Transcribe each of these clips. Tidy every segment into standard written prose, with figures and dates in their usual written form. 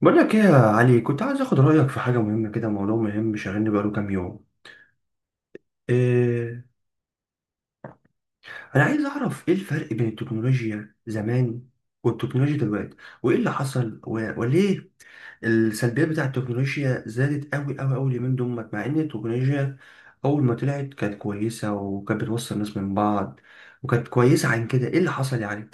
بقول لك ايه يا علي، كنت عايز اخد رايك في حاجه مهمه كده. موضوع مهم شاغلني بقاله كام يوم. إيه انا عايز اعرف ايه الفرق بين التكنولوجيا زمان والتكنولوجيا دلوقتي، وايه اللي حصل وليه السلبيات بتاع التكنولوجيا زادت قوي قوي قوي اليومين دول، مع ان التكنولوجيا اول ما طلعت كانت كويسه وكانت بتوصل الناس من بعض، وكانت كويسه. عن كده ايه اللي حصل يعني؟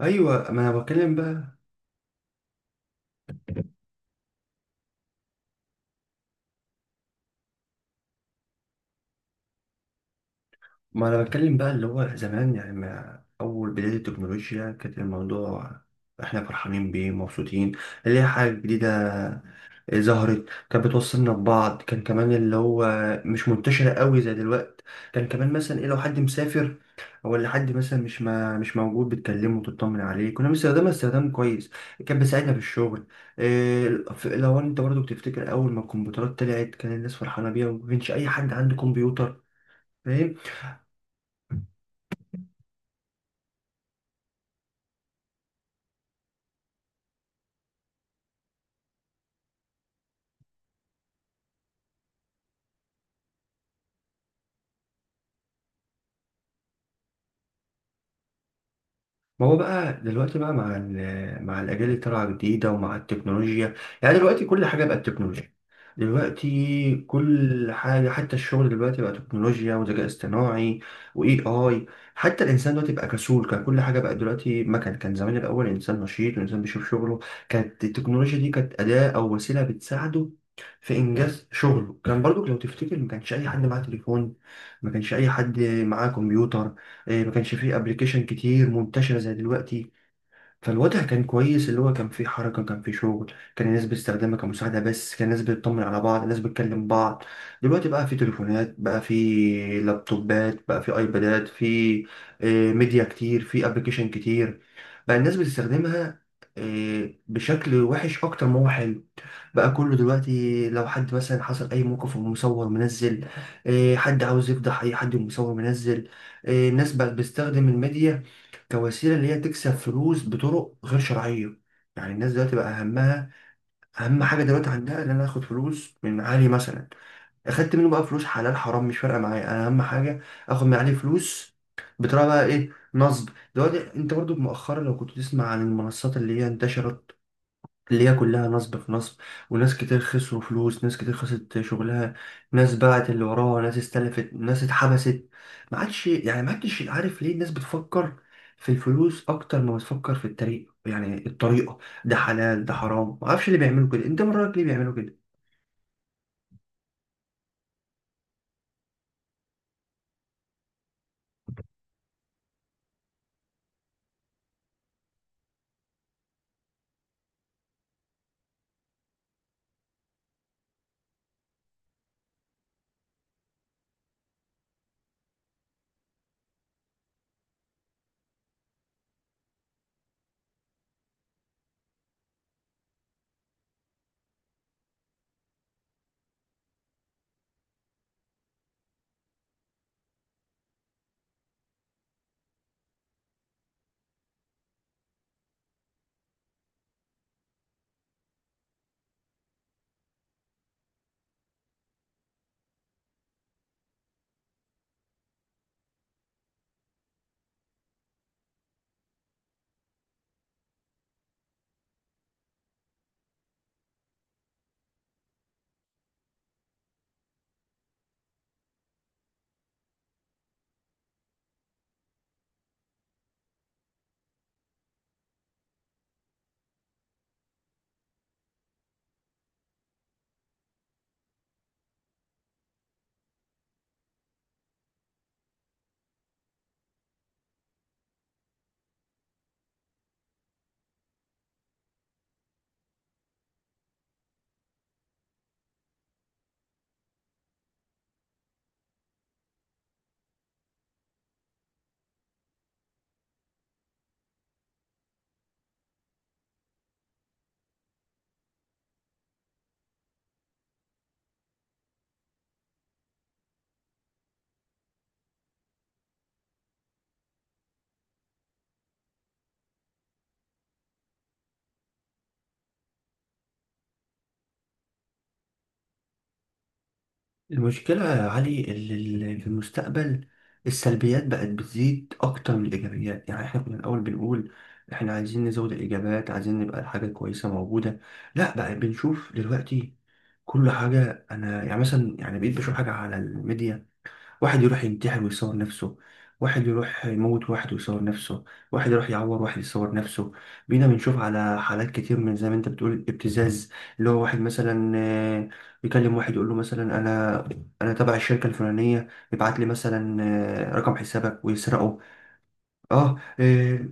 ايوه ما انا بتكلم بقى. اللي هو زمان يعني، ما اول بداية التكنولوجيا كانت الموضوع احنا فرحانين بيه مبسوطين، اللي هي حاجة جديدة ظهرت، كانت بتوصلنا ببعض. كان كمان اللي هو مش منتشرة قوي زي دلوقتي. كان كمان مثلا ايه، لو حد مسافر او اللي حد مثلا مش موجود بتكلمه وتطمن عليه. كنا بنستخدمها استخدام كويس، كان بيساعدنا في الشغل. إيه، لو انت برضو بتفتكر اول ما الكمبيوترات طلعت كان الناس فرحانة بيها، وما كانش اي حد عنده كمبيوتر، فاهم؟ ما هو بقى دلوقتي بقى مع مع الأجيال اللي طالعة جديدة ومع التكنولوجيا، يعني دلوقتي كل حاجة بقت تكنولوجيا. دلوقتي كل حاجة حتى الشغل دلوقتي بقى تكنولوجيا وذكاء اصطناعي وإي آي. حتى الإنسان دلوقتي بقى كسول، كان كل حاجة بقت دلوقتي. ما كان زمان الأول الإنسان نشيط والإنسان بيشوف شغله، كانت التكنولوجيا دي كانت أداة أو وسيلة بتساعده في إنجاز شغله. كان برضو لو تفتكر ما كانش أي حد معاه تليفون، ما كانش أي حد معاه كمبيوتر. ما كانش فيه ابلكيشن كتير منتشره زي دلوقتي. فالوضع كان كويس، اللي هو كان فيه حركه، كان فيه شغل، كان الناس بتستخدمها كمساعده بس، كان الناس بتطمن على بعض، الناس بتكلم بعض. دلوقتي بقى فيه تليفونات، بقى فيه لابتوبات، بقى فيه ايبادات، فيه ميديا كتير، فيه ابلكيشن كتير. بقى الناس بتستخدمها بشكل وحش اكتر ما هو حلو. بقى كله دلوقتي لو حد مثلا حصل اي موقف ومصور منزل، حد عاوز يفضح اي حد ومصور منزل. الناس بقت بتستخدم الميديا كوسيله اللي هي تكسب فلوس بطرق غير شرعيه. يعني الناس دلوقتي بقى همها اهم حاجه دلوقتي عندها ان انا اخد فلوس من علي مثلا، اخدت منه بقى فلوس حلال حرام مش فارقه معايا، انا اهم حاجه اخد من عليه فلوس بطريقه بقى ايه، نصب. دلوقتي انت برضو مؤخرا لو كنت تسمع عن المنصات اللي هي انتشرت، اللي هي كلها نصب في نصب، وناس كتير خسروا فلوس، ناس كتير خسرت شغلها، ناس باعت اللي وراها، ناس استلفت، ناس اتحبست. ما عادش يعني ما عادش عارف ليه الناس بتفكر في الفلوس اكتر ما بتفكر في الطريق، يعني الطريقة ده حلال ده حرام. ما اعرفش اللي بيعملوا كده، انت من رأيك ليه بيعملوا كده؟ المشكلة يا علي اللي في المستقبل السلبيات بقت بتزيد اكتر من الايجابيات. يعني احنا كنا الاول بنقول احنا عايزين نزود الايجابات، عايزين نبقى الحاجة كويسة موجودة. لا، بقى بنشوف دلوقتي كل حاجة. أنا يعني مثلا يعني بقيت بشوف حاجة على الميديا، واحد يروح ينتحر ويصور نفسه، واحد يروح يموت واحد ويصور نفسه، واحد يروح يعور واحد يصور نفسه. بينا بنشوف على حالات كتير من زي ما انت بتقول، ابتزاز. اللي هو واحد مثلا يكلم واحد يقول له مثلا انا تبع الشركة الفلانية، يبعت لي مثلا رقم حسابك ويسرقه. اه آه،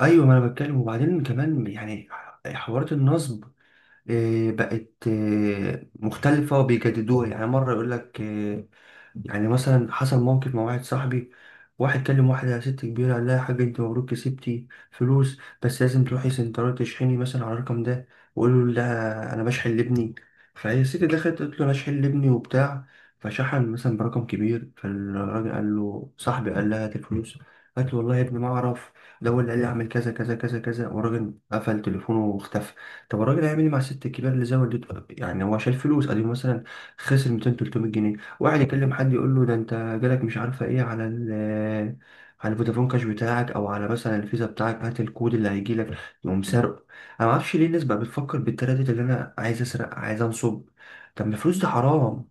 ايوه ما انا بتكلم. وبعدين كمان يعني حوارات النصب بقت مختلفة وبيجددوها. يعني مرة يقول لك يعني مثلا حصل موقف مع واحد صاحبي، واحد كلم واحدة ست كبيرة قال لها يا حاج انت مبروك كسبتي فلوس، بس لازم تروحي سنترال تشحني مثلا على الرقم ده، وقولوا لها انا بشحن لابني. فهي الست دخلت قالت له انا اشحن لابني وبتاع، فشحن مثلا برقم كبير. فالراجل قال له صاحبي قال لها هات الفلوس، قالت له والله يا ابني ما اعرف، ده هو اللي قال لي اعمل كذا كذا كذا كذا. والراجل قفل تليفونه واختفى. طب الراجل هيعمل ايه مع الست الكبيره اللي زودت؟ يعني هو شايل فلوس قديم مثلا، خسر 200 300 جنيه. واحد يكلم حد يقول له ده انت جالك مش عارفه ايه على على الفودافون كاش بتاعك او على مثلا الفيزا بتاعك، هات الكود اللي هيجي لك، يقوم سرقه. انا ما اعرفش ليه الناس بقى بتفكر بالتردد اللي انا عايز اسرق عايز انصب، طب ما الفلوس دي حرام.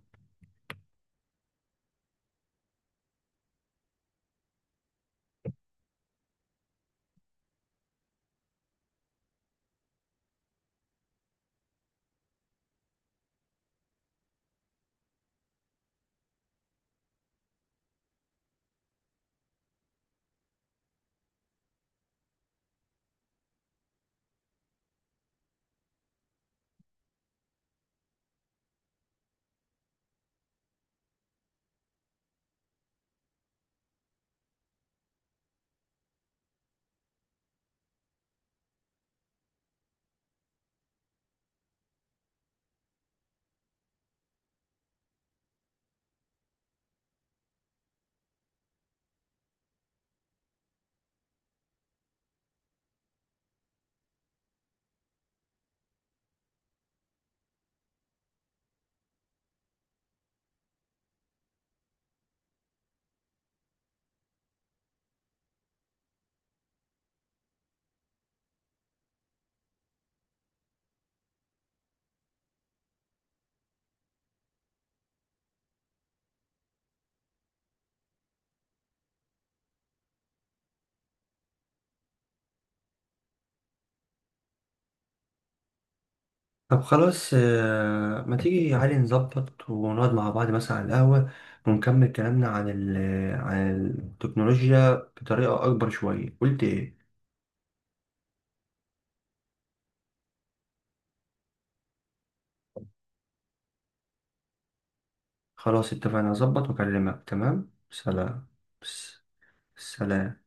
طب خلاص ما تيجي يا علي نظبط ونقعد مع بعض مثلا على القهوه، ونكمل كلامنا عن عن التكنولوجيا بطريقه اكبر شويه، قلت ايه؟ خلاص، اتفقنا، اظبط واكلمك، تمام، سلام. س- سلام.